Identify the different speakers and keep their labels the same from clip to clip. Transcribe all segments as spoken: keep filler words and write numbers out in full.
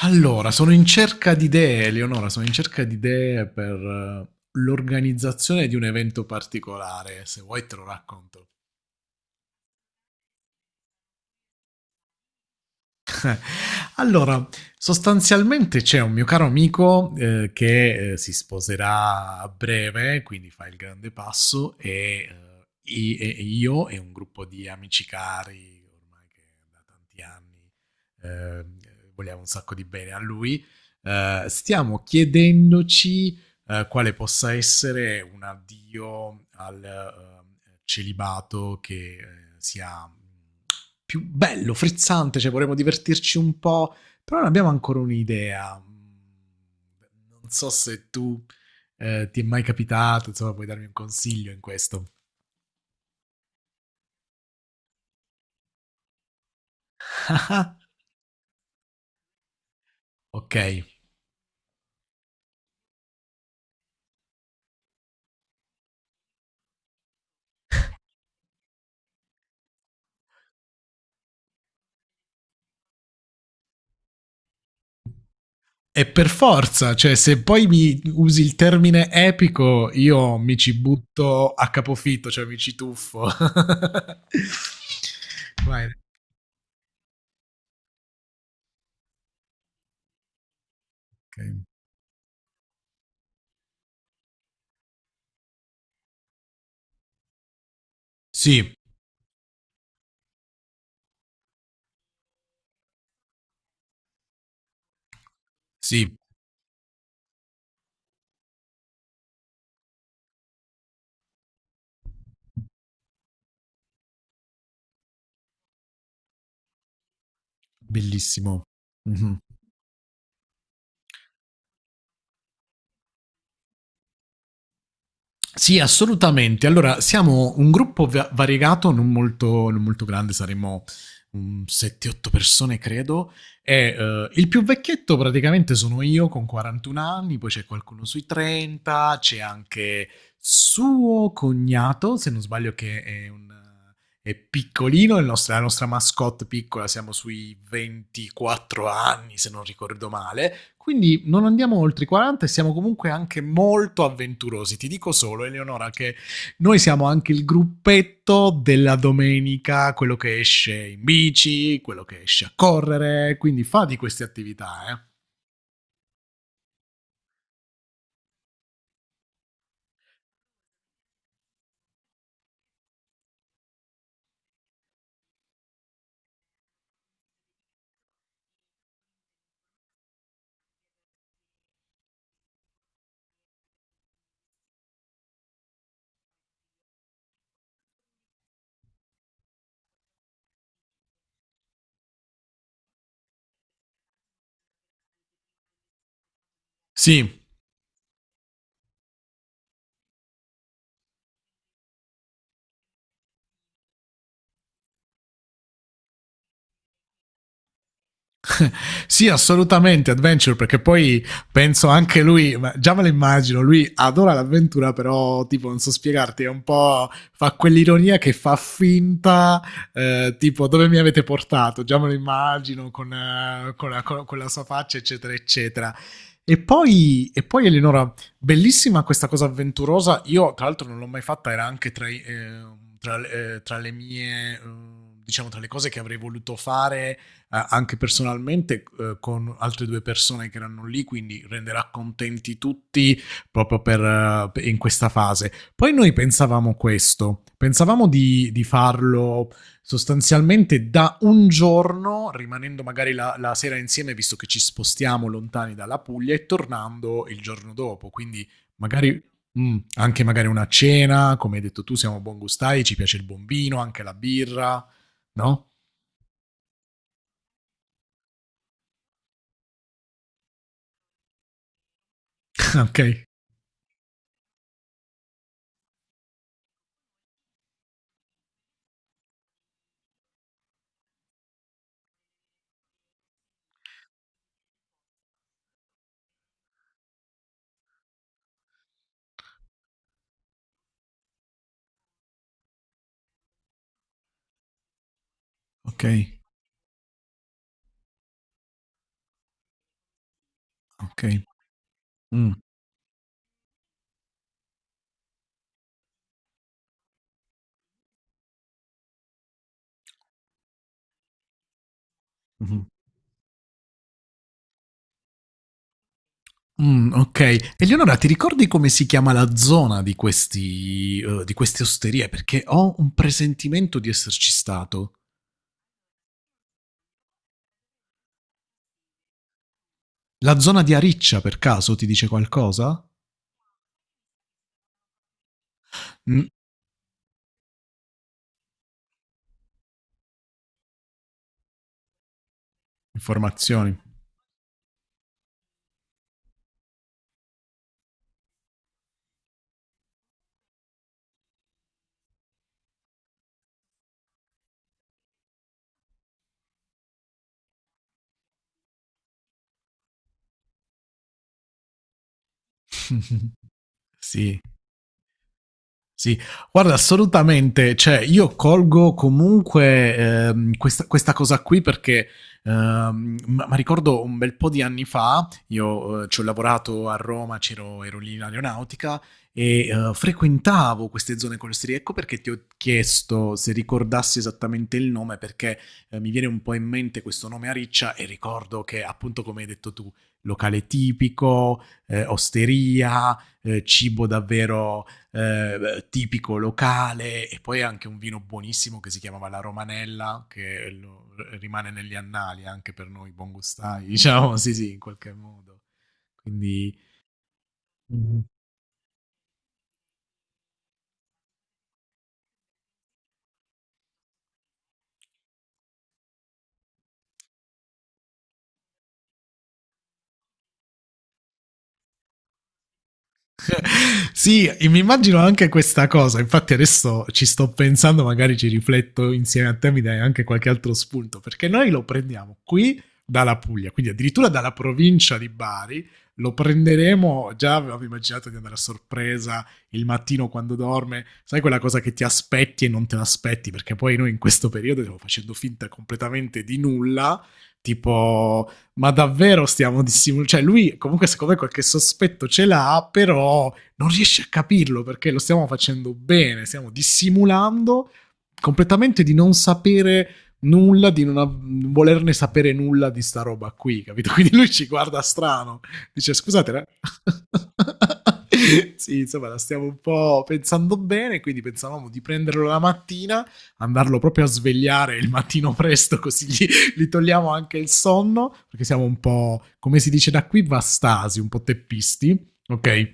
Speaker 1: Allora, sono in cerca di idee, Eleonora, sono in cerca di idee per eh, l'organizzazione di un evento particolare, se vuoi te lo racconto. Allora, sostanzialmente c'è un mio caro amico eh, che eh, si sposerà a breve, quindi fa il grande passo, e, eh, i- e io e un gruppo di amici cari, ormai che da tanti anni eh, vogliamo un sacco di bene a lui. Eh, stiamo chiedendoci eh, quale possa essere un addio al eh, celibato che eh, sia mm, più bello, frizzante, cioè vorremmo divertirci un po', però non abbiamo ancora un'idea. Non so se tu eh, ti è mai capitato, insomma puoi darmi un consiglio in questo. Ok, e per forza, cioè se poi mi usi il termine epico, io mi ci butto a capofitto, cioè mi ci tuffo. Vai. Okay. Sì, sì, bellissimo. Mm-hmm. Sì, assolutamente. Allora, siamo un gruppo va- variegato, non molto, non molto grande, saremmo un sette otto persone, credo. E, eh, il più vecchietto praticamente sono io con quarantuno anni, poi c'è qualcuno sui trenta, c'è anche suo cognato, se non sbaglio, che è un è piccolino, il nostro- la nostra mascotte piccola, siamo sui ventiquattro anni, se non ricordo male. Quindi non andiamo oltre i quaranta e siamo comunque anche molto avventurosi. Ti dico solo, Eleonora, che noi siamo anche il gruppetto della domenica, quello che esce in bici, quello che esce a correre, quindi fa di queste attività, eh. Sì, sì, assolutamente adventure, perché poi penso anche lui, già me lo immagino, lui adora l'avventura, però tipo non so spiegarti, è un po' fa quell'ironia che fa finta, eh, tipo dove mi avete portato, già me lo immagino con, eh, con, la, con, con la sua faccia, eccetera, eccetera. E poi, e poi, Eleonora, bellissima questa cosa avventurosa. Io, tra l'altro, non l'ho mai fatta, era anche tra, eh, tra, eh, tra le mie. Eh, diciamo tra le cose che avrei voluto fare eh, anche personalmente eh, con altre due persone che erano lì, quindi renderà contenti tutti proprio per, eh, in questa fase. Poi noi pensavamo questo, pensavamo di, di farlo sostanzialmente da un giorno, rimanendo magari la, la sera insieme, visto che ci spostiamo lontani dalla Puglia, e tornando il giorno dopo, quindi magari, mm, anche magari una cena, come hai detto tu, siamo buongustai, ci piace il bombino, anche la birra, no? Ok. Ok. Okay. Mh. Mh-mh. Mh, okay. Eleonora, ti ricordi come si chiama la zona di questi uhm, di queste osterie? Perché ho un presentimento di esserci stato. La zona di Ariccia, per caso, ti dice qualcosa? Mh, informazioni. Sì. Sì, guarda, assolutamente, cioè io colgo comunque ehm, questa, questa cosa qui perché ehm, ma ma ricordo un bel po' di anni fa, io eh, ci ho lavorato a Roma, c'ero, ero lì in aeronautica e eh, frequentavo queste zone costiere, ecco perché ti ho chiesto se ricordassi esattamente il nome perché eh, mi viene un po' in mente questo nome a riccia e ricordo che appunto come hai detto tu, locale tipico, eh, osteria, eh, cibo davvero eh, tipico locale e poi anche un vino buonissimo che si chiamava la Romanella, che lo- rimane negli annali anche per noi buongustai, diciamo, sì sì, in qualche modo. Quindi sì, mi immagino anche questa cosa. Infatti, adesso ci sto pensando, magari ci rifletto insieme a te, mi dai anche qualche altro spunto. Perché noi lo prendiamo qui dalla Puglia, quindi addirittura dalla provincia di Bari. Lo prenderemo. Già avevo immaginato di andare a sorpresa il mattino quando dorme. Sai quella cosa che ti aspetti e non te l'aspetti? Perché poi noi in questo periodo stiamo facendo finta completamente di nulla, tipo ma davvero stiamo dissimulando, cioè lui comunque secondo me qualche sospetto ce l'ha, però non riesci a capirlo perché lo stiamo facendo bene, stiamo dissimulando completamente di non sapere nulla, di non av- volerne sapere nulla di sta roba qui, capito? Quindi lui ci guarda strano, dice scusate, ra- sì, insomma, la stiamo un po' pensando bene, quindi pensavamo di prenderlo la mattina, andarlo proprio a svegliare il mattino presto, così gli, gli togliamo anche il sonno, perché siamo un po', come si dice da qui, vastasi, un po' teppisti, ok?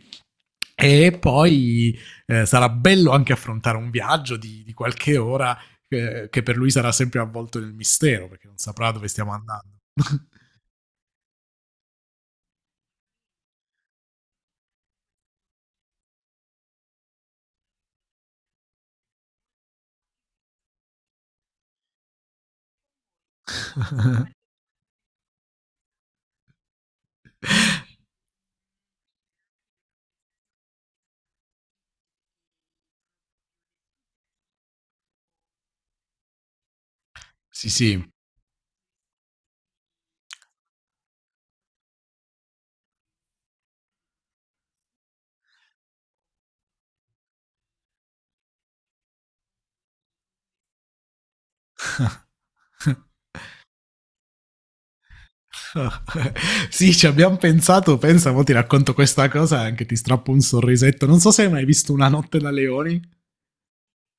Speaker 1: E poi eh, sarà bello anche affrontare un viaggio di, di qualche ora eh, che per lui sarà sempre avvolto nel mistero, perché non saprà dove stiamo andando. Sì, sì. Sì, ci abbiamo pensato. Pensa, mo ti racconto questa cosa e anche ti strappo un sorrisetto. Non so se hai mai visto Una notte da leoni.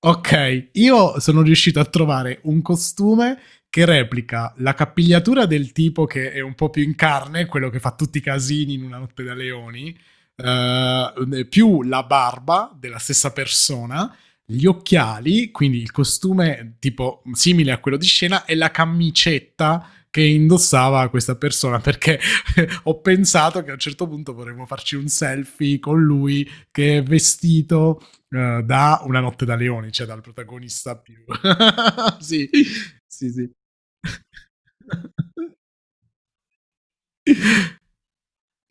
Speaker 1: Ok, io sono riuscito a trovare un costume che replica la capigliatura del tipo che è un po' più in carne, quello che fa tutti i casini in una notte da leoni, eh, più la barba della stessa persona, gli occhiali, quindi il costume tipo simile a quello di scena, e la camicetta che indossava questa persona perché ho pensato che a un certo punto vorremmo farci un selfie con lui che è vestito eh, da Una notte da leoni, cioè dal protagonista più. Sì, sì, sì.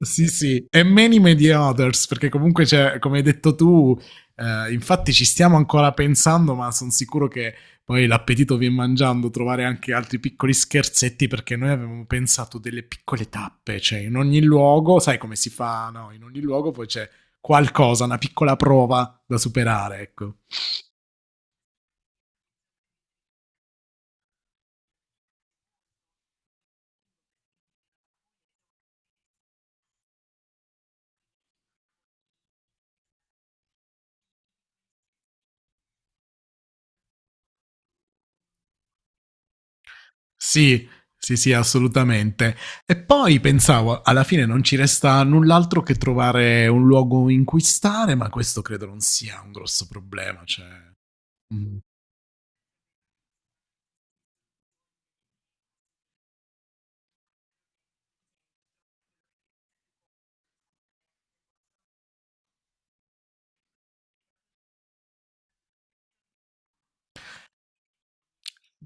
Speaker 1: Sì, sì, e many, many others, perché comunque, c'è, come hai detto tu, eh, infatti ci stiamo ancora pensando, ma sono sicuro che poi l'appetito viene mangiando, trovare anche altri piccoli scherzetti, perché noi avevamo pensato delle piccole tappe, cioè in ogni luogo, sai come si fa, no? In ogni luogo poi c'è qualcosa, una piccola prova da superare, ecco. Sì, sì, sì, assolutamente. E poi pensavo, alla fine non ci resta null'altro che trovare un luogo in cui stare, ma questo credo non sia un grosso problema. Cioè. mm.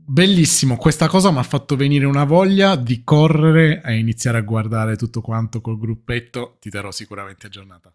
Speaker 1: Bellissimo, questa cosa mi ha fatto venire una voglia di correre e iniziare a guardare tutto quanto col gruppetto. Ti darò sicuramente aggiornata.